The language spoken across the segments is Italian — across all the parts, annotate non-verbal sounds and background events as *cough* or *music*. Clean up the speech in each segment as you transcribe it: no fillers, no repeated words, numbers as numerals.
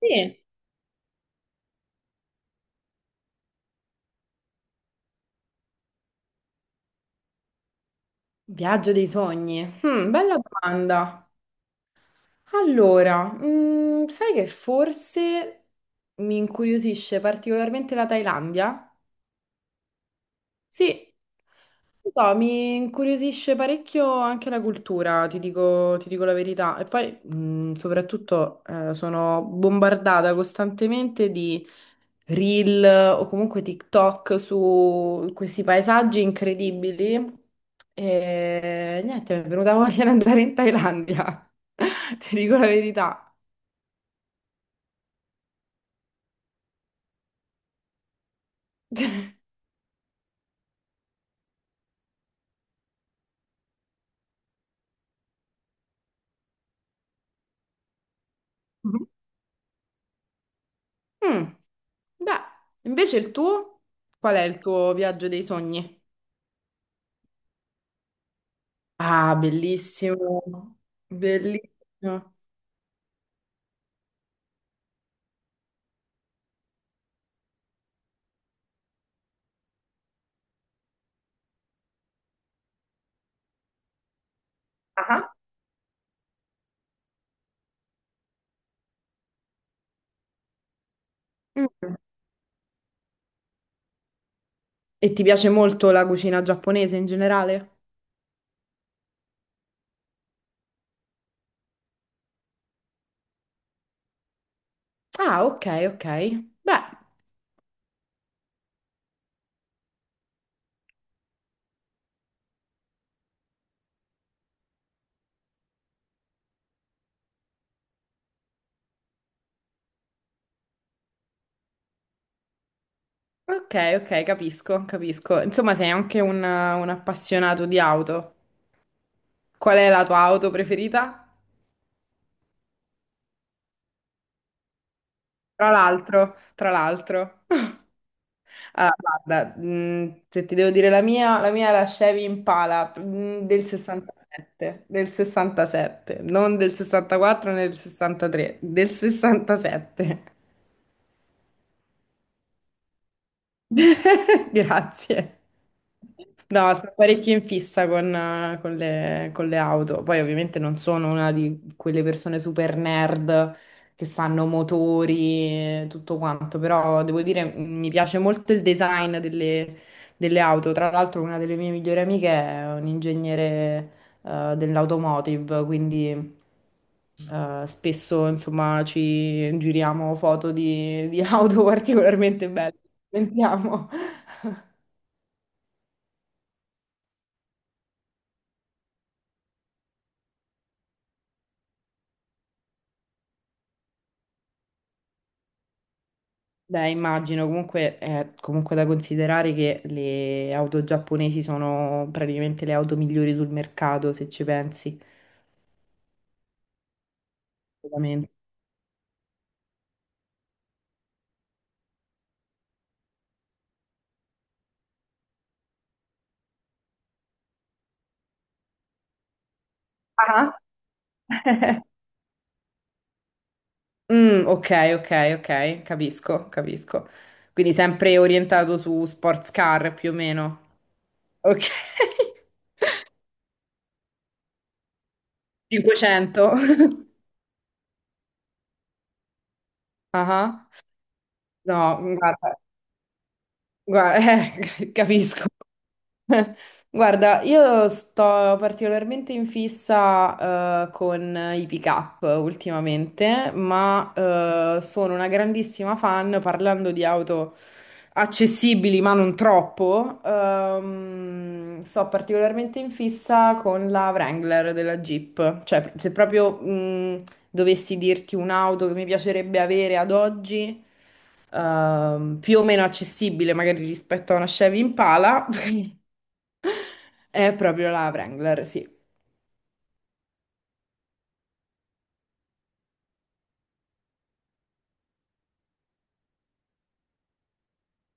Sì, viaggio dei sogni. Bella domanda. Allora, sai che forse mi incuriosisce particolarmente la Thailandia? Sì, non so, mi incuriosisce parecchio anche la cultura, ti dico la verità. E poi, soprattutto, sono bombardata costantemente di reel o comunque TikTok su questi paesaggi incredibili. E niente, mi è venuta voglia di andare in Thailandia, *laughs* ti dico la verità. *laughs* Mm, Beh, invece il tuo? Qual è il tuo viaggio dei sogni? Ah, bellissimo, bellissimo. Ah. Mm. E ti piace molto la cucina giapponese in generale? Ah, ok, ok. Beh, ok, ok, capisco, capisco. Insomma, sei anche un appassionato di auto. Qual è la tua auto preferita? Tra l'altro, tra l'altro. Allora, guarda, se ti devo dire la mia è la Chevy Impala del 67, del 67, non del 64 né del 63, del 67. *laughs* Grazie. No, sono parecchio in fissa con le auto. Poi ovviamente non sono una di quelle persone super nerd che sanno motori e tutto quanto, però devo dire mi piace molto il design delle auto. Tra l'altro una delle mie migliori amiche è un ingegnere dell'automotive, quindi spesso insomma ci giriamo foto di auto *laughs* particolarmente belle. Sentiamo. Beh, immagino comunque è comunque da considerare che le auto giapponesi sono praticamente le auto migliori sul mercato, se ci pensi. Veramente. Ah. *laughs* Mm, ok, ok, ok, capisco, capisco. Quindi sempre orientato su sports car più o meno. Ok. *laughs* 500. Ah, no, guarda, *laughs* capisco. *laughs* Guarda, io sto particolarmente in fissa con i pick-up ultimamente, ma sono una grandissima fan, parlando di auto accessibili ma non troppo, sto particolarmente in fissa con la Wrangler della Jeep. Cioè, se proprio dovessi dirti un'auto che mi piacerebbe avere ad oggi più o meno accessibile magari rispetto a una Chevy Impala, *laughs* è proprio la Wrangler, sì.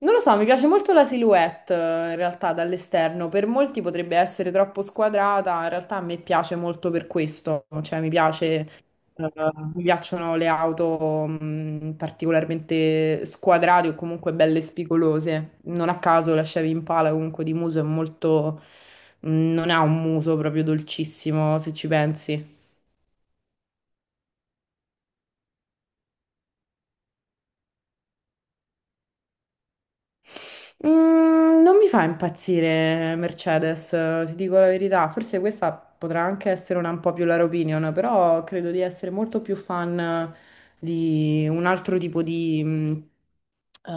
Non lo so, mi piace molto la silhouette in realtà dall'esterno. Per molti potrebbe essere troppo squadrata, in realtà a me piace molto per questo. Cioè, eh, mi piacciono le auto particolarmente squadrate o comunque belle spigolose. Non a caso la Chevy Impala comunque di muso è molto. Non ha un muso proprio dolcissimo, se ci pensi. Non mi fa impazzire Mercedes, ti dico la verità. Forse questa potrà anche essere una un po' più la opinion, però credo di essere molto più fan di un altro tipo di, eh,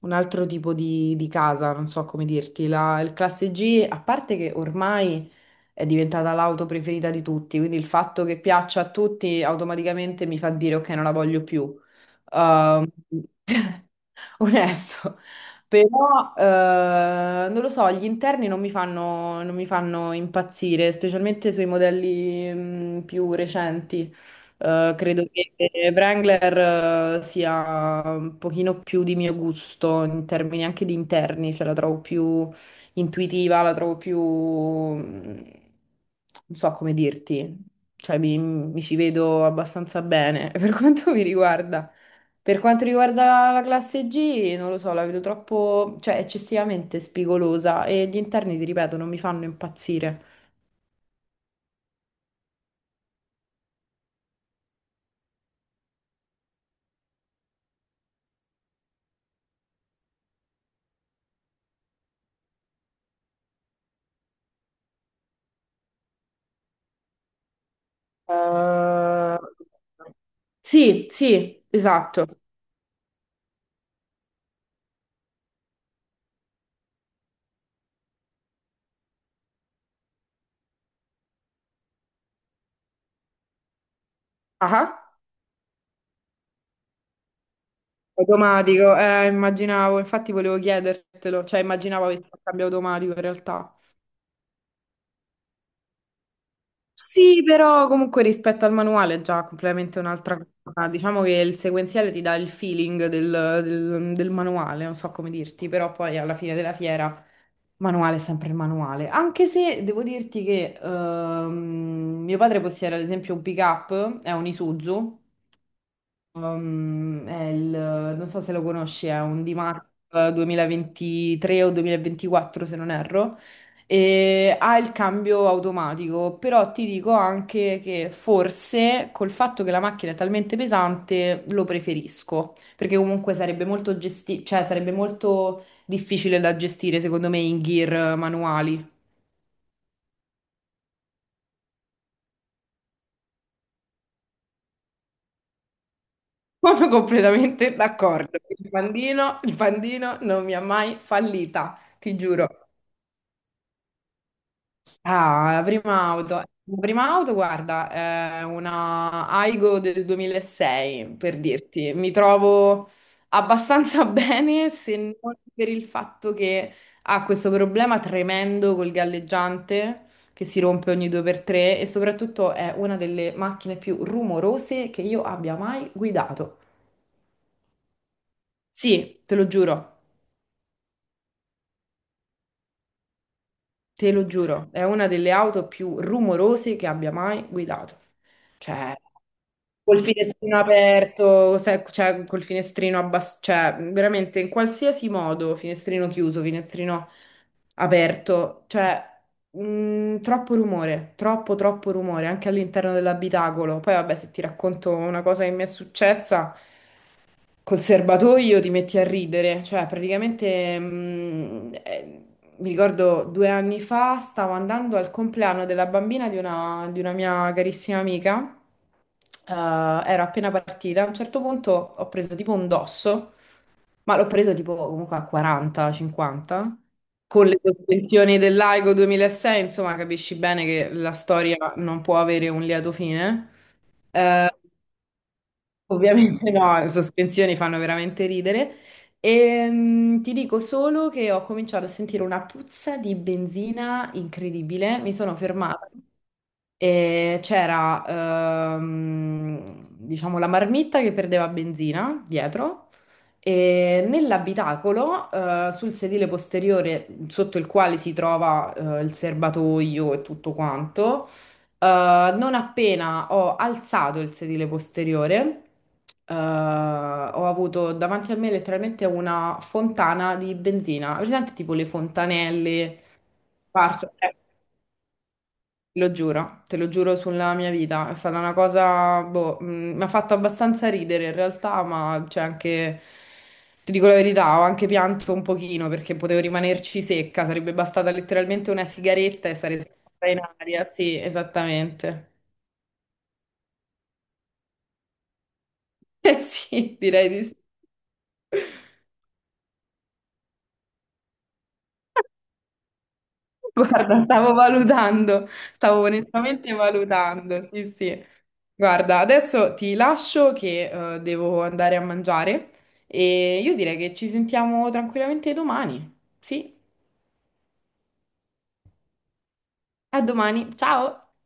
un altro tipo di casa, non so come dirti. Il Classe G, a parte che ormai è diventata l'auto preferita di tutti, quindi il fatto che piaccia a tutti automaticamente mi fa dire ok, non la voglio più ehm, *laughs* Onesto. Però, non lo so, gli interni non mi fanno impazzire, specialmente sui modelli, più recenti. Credo che Wrangler, sia un pochino più di mio gusto in termini anche di interni, cioè la trovo più intuitiva, la trovo più, non so come dirti, cioè mi ci vedo abbastanza bene *laughs* per quanto mi riguarda. Per quanto riguarda la classe G, non lo so, la vedo troppo, cioè eccessivamente spigolosa e gli interni, ti ripeto, non mi fanno impazzire. Eh, Sì, sì, esatto. Ah. Automatico, immaginavo, infatti volevo chiedertelo, cioè immaginavo avessi il cambio automatico in realtà. Sì, però comunque rispetto al manuale è già completamente un'altra cosa. Diciamo che il sequenziale ti dà il feeling del manuale, non so come dirti, però poi alla fine della fiera manuale, è sempre il manuale. Anche se devo dirti che mio padre possiede ad esempio un pick-up, è un Isuzu. Um, è il, non so se lo conosci, è un D-Max 2023 o 2024 se non erro, e ha il cambio automatico, però ti dico anche che forse col fatto che la macchina è talmente pesante lo preferisco, perché comunque sarebbe molto difficile da gestire secondo me in gear manuali. *laughs* Sono completamente d'accordo. Il pandino non mi ha mai fallita, ti giuro. Ah, la prima auto. La prima auto, guarda, è una Aigo del 2006, per dirti. Mi trovo abbastanza *laughs* bene, se non per il fatto che ha questo problema tremendo col galleggiante, che si rompe ogni 2x3, e soprattutto è una delle macchine più rumorose che io abbia mai guidato. Sì, te lo giuro. Te lo giuro, è una delle auto più rumorose che abbia mai guidato. Cioè, col finestrino aperto, cioè, col finestrino abbassato, cioè, veramente in qualsiasi modo, finestrino chiuso, finestrino aperto, cioè, troppo rumore, troppo, troppo rumore, anche all'interno dell'abitacolo. Poi, vabbè, se ti racconto una cosa che mi è successa. Col serbatoio ti metti a ridere, cioè praticamente mi ricordo 2 anni fa stavo andando al compleanno della bambina di una mia carissima amica, ero appena partita, a un certo punto ho preso tipo un dosso, ma l'ho preso tipo comunque a 40-50, con le sospensioni dell'Aigo 2006, insomma capisci bene che la storia non può avere un lieto fine. Eh, Ovviamente no, le sospensioni fanno veramente ridere. E ti dico solo che ho cominciato a sentire una puzza di benzina incredibile. Mi sono fermata e c'era, diciamo, la marmitta che perdeva benzina dietro. E nell'abitacolo, sul sedile posteriore sotto il quale si trova, il serbatoio e tutto quanto. Non appena ho alzato il sedile posteriore, ho avuto davanti a me letteralmente una fontana di benzina. Presente tipo le fontanelle? Parto- eh, lo giuro, te lo giuro sulla mia vita. È stata una cosa, boh, mi ha fatto abbastanza ridere in realtà, ma c'è anche, ti dico la verità, ho anche pianto un pochino perché potevo rimanerci secca. Sarebbe bastata letteralmente una sigaretta e sarei stata in aria. Sì, esattamente. *laughs* Eh sì, direi di sì. Guarda, stavo valutando, stavo onestamente valutando. Sì, sì. Guarda, adesso ti lascio che devo andare a mangiare e io direi che ci sentiamo tranquillamente domani. Sì, a domani. Ciao.